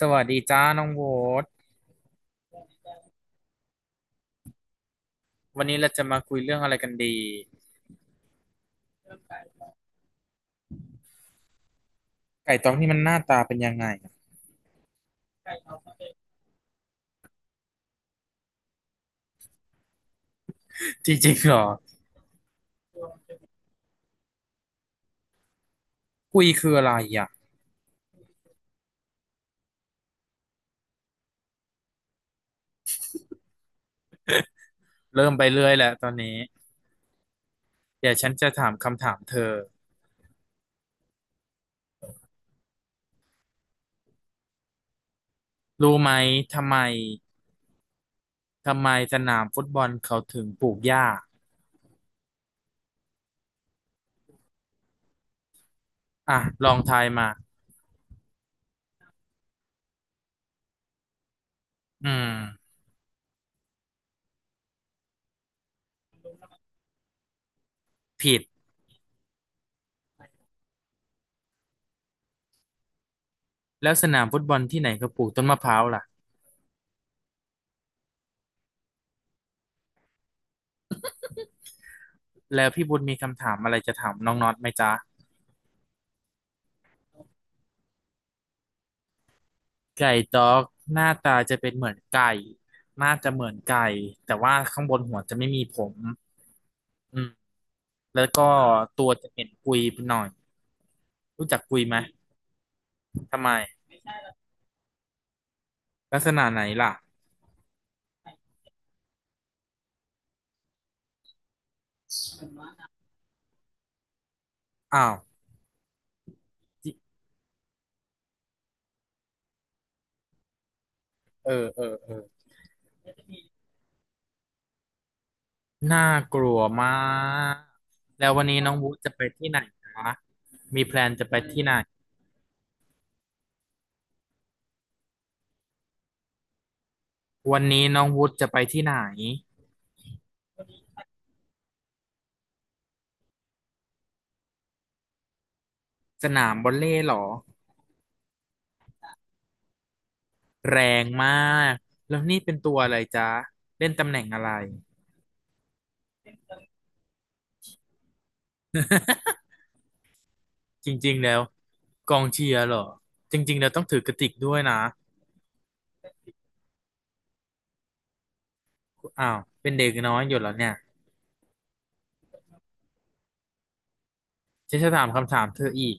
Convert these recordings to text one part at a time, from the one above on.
สวัสดีจ้าน้องโบ๊ทวันนี้เราจะมาคุยเรื่องอะไรกันดีไก่ตองนี่มันหน้าตาเป็นยังไงจริงๆเหรอคุยคืออะไรอ่ะเริ่มไปเรื่อยแหละตอนนี้เดี๋ยวฉันจะถามคำถามเธอรู้ไหมทำไมทำไมสนามฟุตบอลเขาถึงปลูกหญ้าอ่ะลองทายมาอืมผิดแล้วสนามฟุตบอลที่ไหนเขาปลูกต้นมะพร้าวล่ะแล้วพี่บุญมีคำถามอะไรจะถามน้องน็อตไหมจ๊ะ ไก่ด็อกหน้าตาจะเป็นเหมือนไก่น่าจะเหมือนไก่แต่ว่าข้างบนหัวจะไม่มีผมอืมแล้วก็ตัวจะเป็นกุยปหน่อยรู้จักกุยไหมทำไมลักษณะไหนล่ะอ้าวจิเออเออเออน่ากลัวมากแล้ววันนี้น้องวูดจะไปที่ไหนนะมีแพลนจะไปที่ไหนวันนี้น้องวูดจะไปที่ไหนสนามบอลเล่เหรอแรงมากแล้วนี่เป็นตัวอะไรจ๊ะเล่นตำแหน่งอะไร จริงๆแล้วกองเชียร์เหรอจริงๆแล้วต้องถือกระติกด้วยนะอ้าวเป็นเด็กน้อยอยู่แล้วเนี่ยฉันจะถามคำถามเธออีก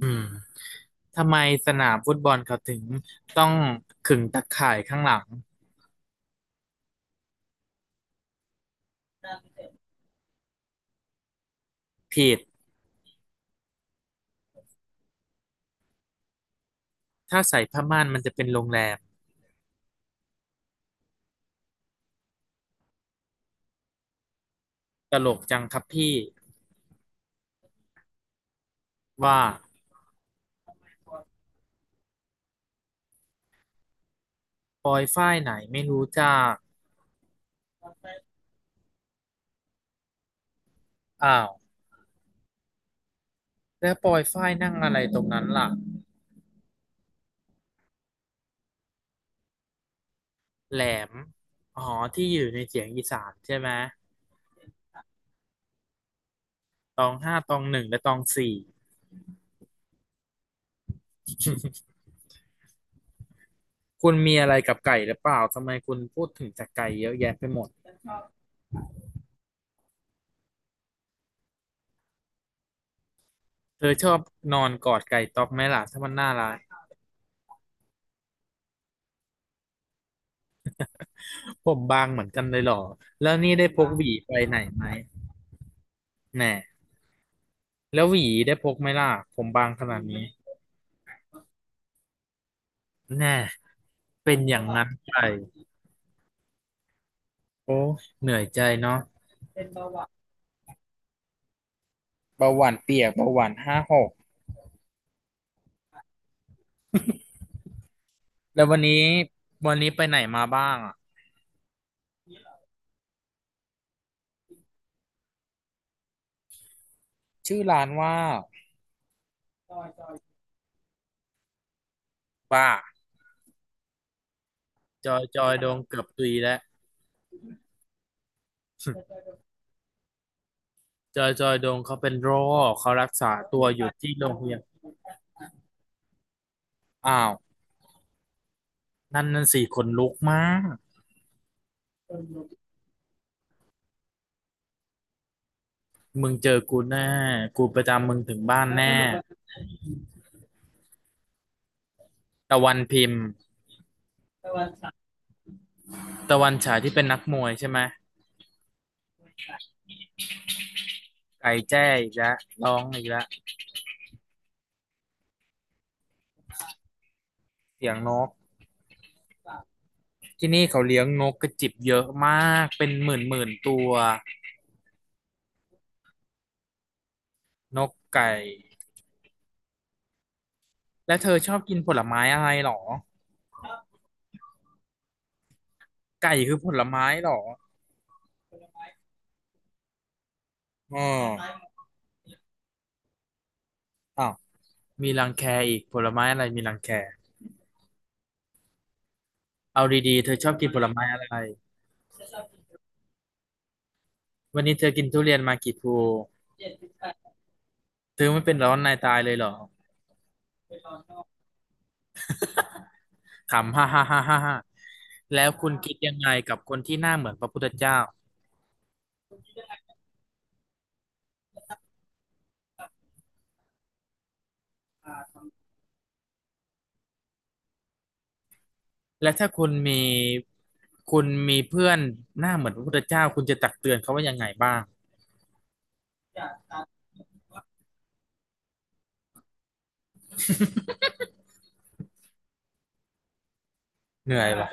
อืมทำไมสนามฟุตบอลเขาถึงต้องขึงตะข่ายข้างหลังผิดถ้าใส่ผ้าม่านมันจะเป็นโรงแรมตลกจังครับพี่ว่าปอยฝ้ายไหนไม่รู้จักอ้าวแล้วปอยฝ้ายนั่งอะไรตรงนั้นล่ะแหลมอ๋อที่อยู่ในเสียงอีสานใช่ไหมตองห้าตองหนึ่งและตองสี่ คุณมีอะไรกับไก่หรือเปล่าทำไมคุณพูดถึงแต่ไก่เยอะแยะไปหมดเธอชอบนอนกอดไก่ต๊อกไหมล่ะถ้ามันน่ารักผมบางเหมือนกันเลยเหรอแล้วนี่ได้พกหวีไปไหนไหมแน่แล้วหวีได้พกไหมล่ะผมบางขนาดนี้แน่เป็นอย่างนั้นไปโอ้เหนื่อยใจเนาะเบาหวานเปียกเบาหวาน5 6แล้ววันนี้วันนี้ไปไหนมาบ้างอ่ะชื่อร้านว่าบ้าจอยจอยโดงเกือบตุยแล้ว จอยจอยดงเขาเป็นโรคเขารักษาตัวอยู่ที่โรงพยาบาลอ้าวนั่นนั่นสี่คนลุกมากมึงเจอกูแน่กูประจำมึงถึงบ้านแน่ตะวันพิมพ์ตะวันฉายที่เป็นนักมวยใช่ไหมไก่แจ้อีกแล้วร้องอีกแล้วเสียงนกที่นี่เขาเลี้ยงนกกระจิบเยอะมากเป็นหมื่นหมื่นตัวนกไก่และเธอชอบกินผลไม้อะไรหรอไก่คือผลไม้หรออ๋ออ้าวมีรังแคอีกผลไม้อะไรมีรังแค เอาดีๆเธอชอบกินผลไม้อะไรวันนี้เธอกินทุเรียนมากี่พลูเธอไม่เป็นร้อนในตายเลยเหรอขำฮ่าฮ่าฮ่าฮ่าฮ่าแล้วคุณคิดยังไงกับคนที่หน้าเหมือนพระพุทธเจ้าและถ้าคุณมีคุณมีเพื่อนหน้าเหมือนพระพุทธเจ้าคุณจะตักเตือนเขาว่ายังไงบ้างเหนื่อยวะ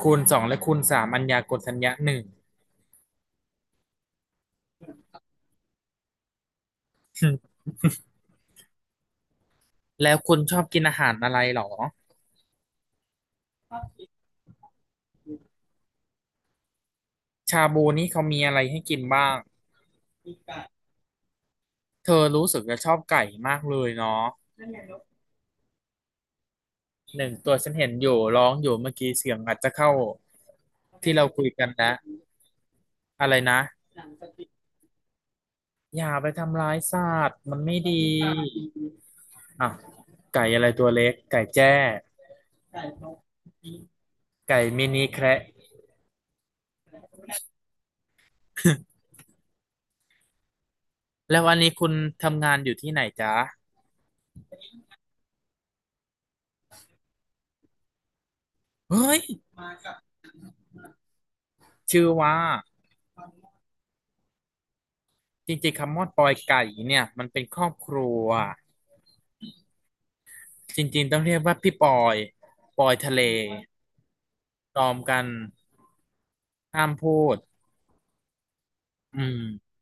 คูณสองและคูณสามอัญญากลทัญญะหนึ่ง แล้วคุณชอบกินอาหารอะไรเหรอชาบูนี่เขามีอะไรให้กินบ้าง เธอรู้สึกจะชอบไก่มากเลยเนาะ หนึ่งตัวฉันเห็นอยู่ร้องอยู่เมื่อกี้เสียงอาจจะเข้าที่เราคุยกันนะอะไรนะอย่าไปทำร้ายสัตว์มันไม่ดีอ่ะไก่อะไรตัวเล็กไก่แจ้ไก่มินิแคระแล้ววันนี้คุณทำงานอยู่ที่ไหนจ๊ะเฮ้ยชื่อว่าจริงๆคำว่าปอยไก่เนี่ยมันเป็นครอบครัวจริงๆต้องเรียกว่าพี่ปอยปอยทะเลตอมกันห้ามพูดอืม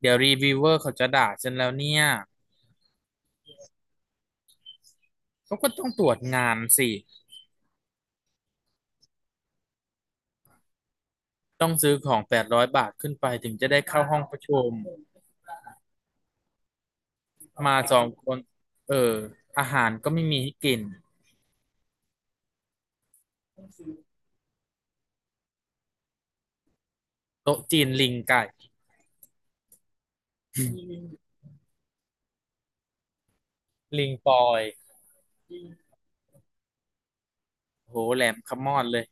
เดี๋ยวรีวิวเวอร์เขาจะด่าฉันแล้วเนี่ย เขาก็ต้องตรวจงานสิ ต้องซื้อของ800บาทขึ้นไปถึงจะได้เข้าห้องประชุมมาสองคนเอออาหารก็ไม่มีให้กินโต๊ะจีนลิงไก่ ลิงปอยโหแหลมขมอดเลย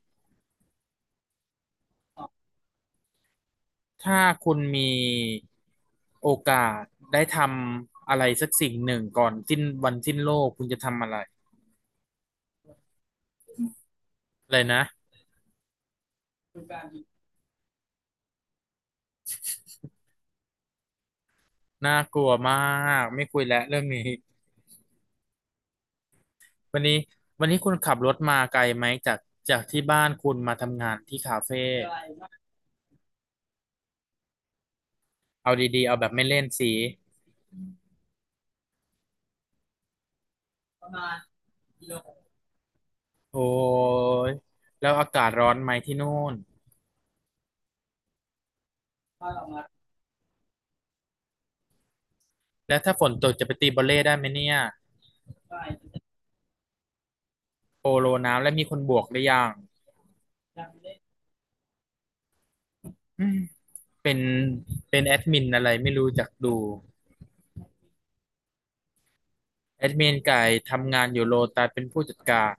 ถ้าคุณมีโอกาสได้ทำอะไรสักสิ่งหนึ่งก่อนสิ้นวันสิ้นโลกคุณจะทำอะไรอะไรนะน่ากลัวมากไม่คุยแล้วเรื่องนี้ วันนี้วันนี้คุณขับรถมาไกลไหมจากจากที่บ้านคุณมาทำงานที่คาเฟ่เอาดีๆเอาแบบไม่เล่นสีโอ้ยแล้วอากาศร้อนไหมที่นู่นแล้วถ้าฝนตกจะไปตีบอลเล่ได้ไหมเนี่ยโปโลน้ำและมีคนบวกหรือยังอืมเป็นเป็นแอดมินอะไรไม่รู้จักดูแอดมินไก่ทำงานอยู่โลตัสเป็นผู้จัดการ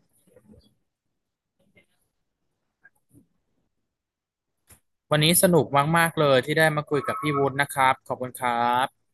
วันนี้สนุกมากๆเลยที่ได้มาคุยกับพี่วุฒินะครับขอบคุณครับ